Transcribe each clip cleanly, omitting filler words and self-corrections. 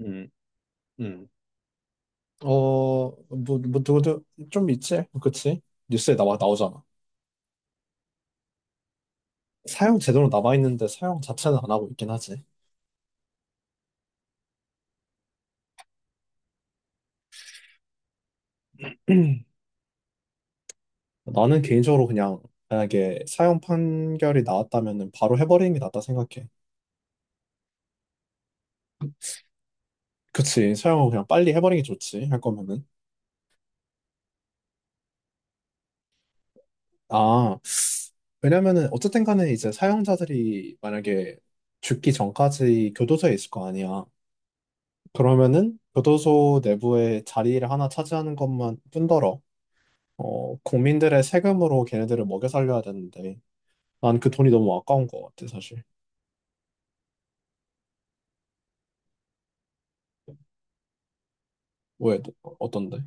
음, 음. 어, 뭐, 뭐, 누구도 좀 있지? 그치? 뉴스에 나오잖아. 사용 제대로 남아있는데 사용 자체는 안 하고 있긴 하지. 나는 개인적으로 그냥, 만약에 사용 판결이 나왔다면은 바로 해버리는 게 낫다 생각해. 그치. 사용을 그냥 빨리 해버리는 게 좋지. 할 거면은. 아, 왜냐면은 어쨌든 간에 이제 사용자들이 만약에 죽기 전까지 교도소에 있을 거 아니야. 그러면은 교도소 내부에 자리를 하나 차지하는 것만 뿐더러 국민들의 세금으로 걔네들을 먹여 살려야 되는데, 난 그 돈이 너무 아까운 것 같아, 사실. 왜, 너- 어떤데?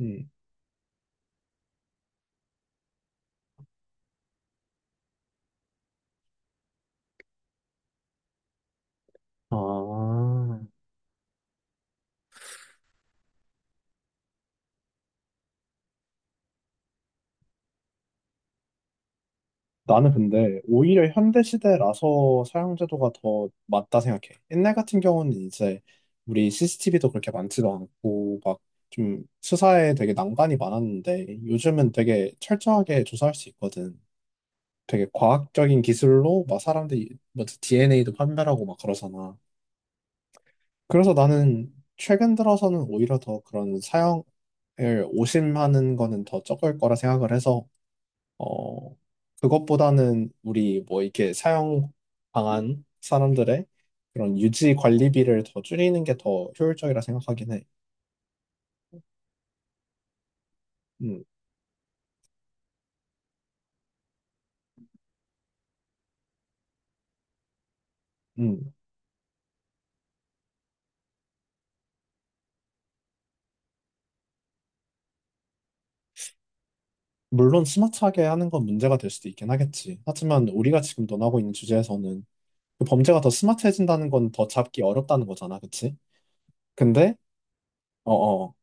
음. 아, 나는 근데 오히려 현대 시대라서 사용제도가 더 맞다 생각해. 옛날 같은 경우는 이제 우리 CCTV도 그렇게 많지도 않고 막 좀 수사에 되게 난관이 많았는데 요즘은 되게 철저하게 조사할 수 있거든. 되게 과학적인 기술로 막 사람들이 뭐 DNA도 판별하고 막 그러잖아. 그래서 나는 최근 들어서는 오히려 더 그런 사형을 오심하는 거는 더 적을 거라 생각을 해서, 어, 그것보다는 우리 뭐 이렇게 사형 당한 사람들의 그런 유지 관리비를 더 줄이는 게 더 효율적이라 생각하긴 해. 음, 음. 물론 스마트하게 하는 건 문제가 될 수도 있긴 하겠지. 하지만 우리가 지금 논하고 있는 주제에서는 그 범죄가 더 스마트해진다는 건 더 잡기 어렵다는 거잖아, 그치? 근데, 어어.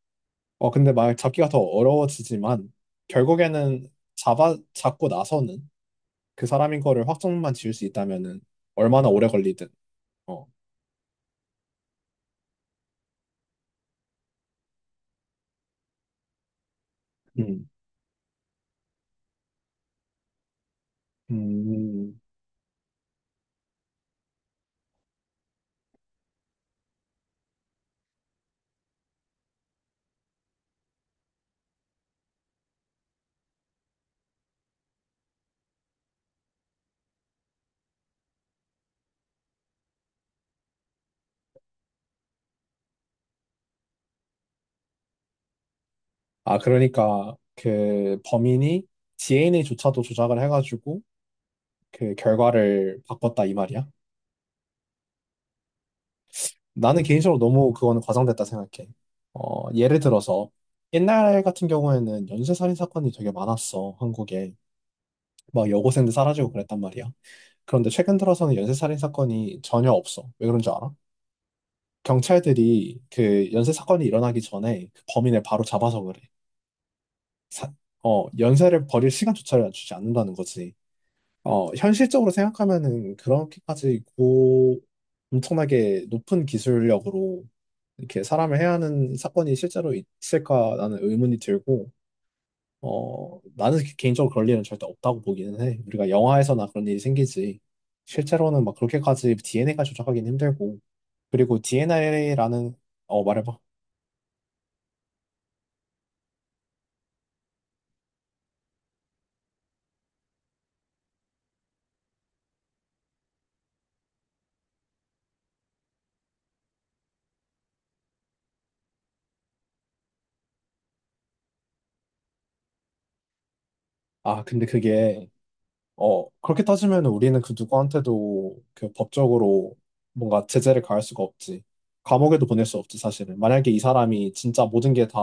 어, 근데 말 잡기가 더 어려워지지만 결국에는 잡아 잡고 나서는 그 사람인 거를 확정만 지을 수 있다면은 얼마나 오래 걸리든. 어. 음. 음. 아, 그러니까 그 범인이 DNA조차도 조작을 해가지고 그 결과를 바꿨다 이 말이야. 나는 개인적으로 너무 그거는 과장됐다 생각해. 어, 예를 들어서 옛날 같은 경우에는 연쇄살인 사건이 되게 많았어, 한국에. 막 여고생들 사라지고 그랬단 말이야. 그런데 최근 들어서는 연쇄살인 사건이 전혀 없어. 왜 그런 줄 알아? 경찰들이 그 연쇄 사건이 일어나기 전에 그 범인을 바로 잡아서 그래. 사- 연쇄를 벌일 시간조차를 주지 않는다는 거지. 현실적으로 생각하면은 그렇게까지 고 엄청나게 높은 기술력으로 이렇게 사람을 해야 하는 사건이 실제로 있을까라는 의문이 들고, 나는 개인적으로 그럴 일은 절대 없다고 보기는 해. 우리가 영화에서나 그런 일이 생기지. 실제로는 막 그렇게까지 DNA가 조작하기는 힘들고. 그리고 DNA라는, 어, 말해봐. 아, 근데 그게, 그렇게 따지면 우리는 그 누구한테도 그 법적으로 뭔가 제재를 가할 수가 없지. 감옥에도 보낼 수 없지, 사실은. 만약에 이 사람이 진짜 모든 게 다,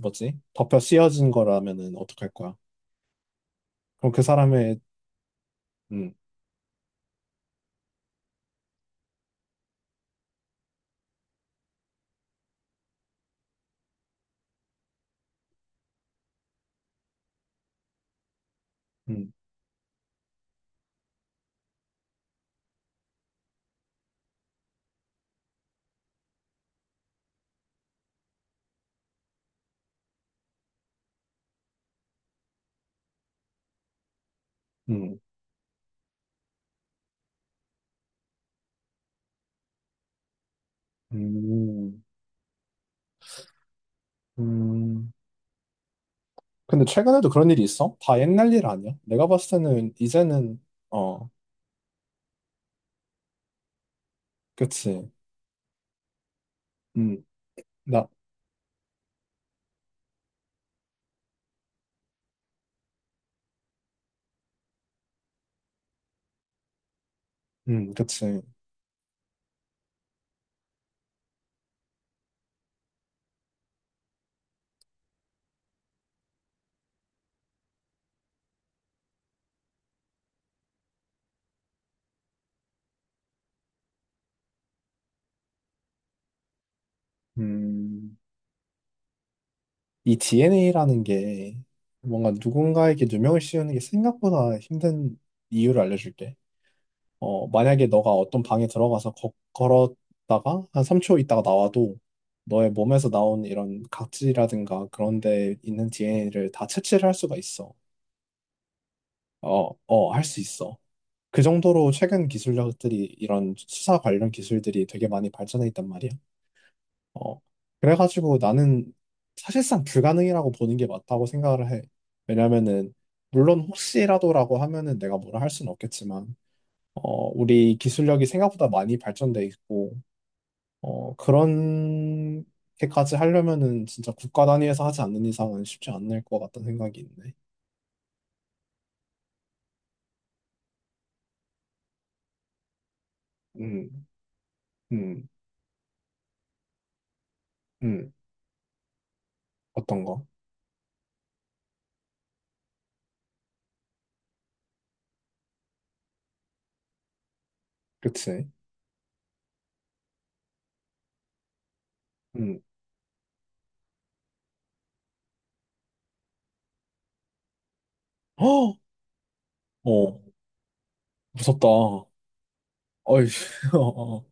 뭐지? 덮여 씌어진 거라면은 어떡할 거야? 그럼 그 사람의, 음, 음, 음, 음, 음. 근데 최근에도 그런 일이 있어? 다 옛날 일 아니야? 내가 봤을 때는 이제는. 어. 그치. 음나음. 그치. 음이. DNA라는 게 뭔가 누군가에게 누명을 씌우는 게 생각보다 힘든 이유를 알려줄게. 어, 만약에 너가 어떤 방에 들어가서 걸었다가 한 3초 있다가 나와도 너의 몸에서 나온 이런 각질이라든가 그런 데 있는 DNA를 다 채취를 할 수가 있어. 어, 어, 할 수 있어. 그 정도로 최근 기술력들이 이런 수사 관련 기술들이 되게 많이 발전해 있단 말이야. 어. 그래가지고 나는 사실상 불가능이라고 보는 게 맞다고 생각을 해. 왜냐면은 물론 혹시라도라고 하면은 내가 뭐라 할 수는 없겠지만, 우리 기술력이 생각보다 많이 발전돼 있고, 그런 게까지 하려면은 진짜 국가 단위에서 하지 않는 이상은 쉽지 않을 것 같다는 생각이 있네. 음, 음, 음. 어떤 거? 그치? 음. 어! 어. 무섭다. 어이, 어,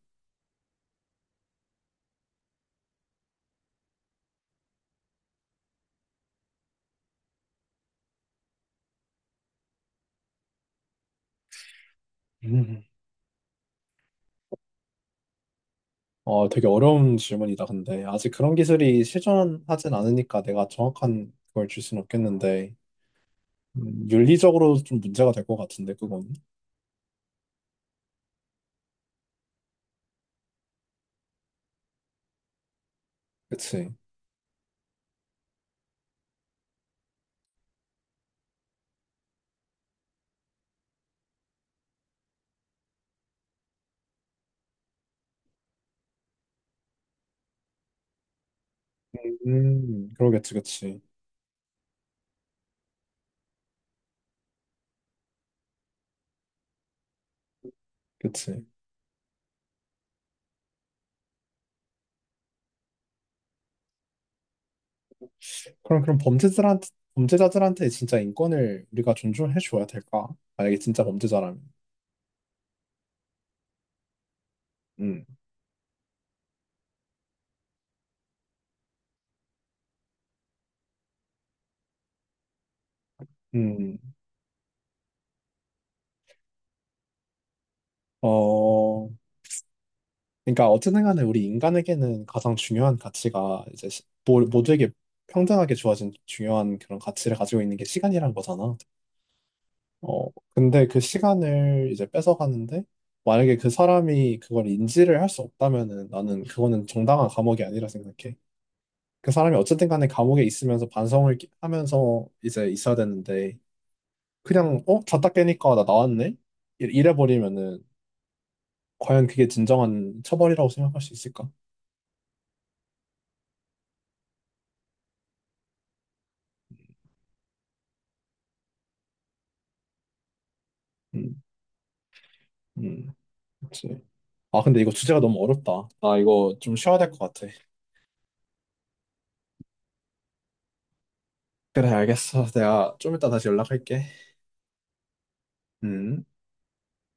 음. 되게 어려운 질문이다, 근데. 아직 그런 기술이 실존하진 않으니까 내가 정확한 걸 줄 수는 없겠는데, 윤리적으로 좀 문제가 될 것 같은데, 그건. 그치. 그러겠지, 그치. 그치. 그럼, 범죄자들한테 진짜 인권을 우리가 존중해 줘야 될까? 만약에 진짜 범죄자라면. 음, 음, 어, 그러니까 어쨌든 간에 우리 인간에게는 가장 중요한 가치가 이제 모두에게 평등하게 주어진 중요한 그런 가치를 가지고 있는 게 시간이란 거잖아. 어, 근데 그 시간을 이제 뺏어가는데, 만약에 그 사람이 그걸 인지를 할 수 없다면은 나는 그거는 정당한 감옥이 아니라 생각해. 그 사람이 어쨌든 간에 감옥에 있으면서 반성을 하면서 이제 있어야 되는데, 그냥 어? 잤다 깨니까 나 나왔네? 이래 버리면은 과연 그게 진정한 처벌이라고 생각할 수 있을까? 음, 음. 그치. 아, 근데 이거 주제가 너무 어렵다. 나 이거 좀 쉬어야 될 것 같아. 그래, 알겠어. 내가 좀 이따 다시 연락할게. 음.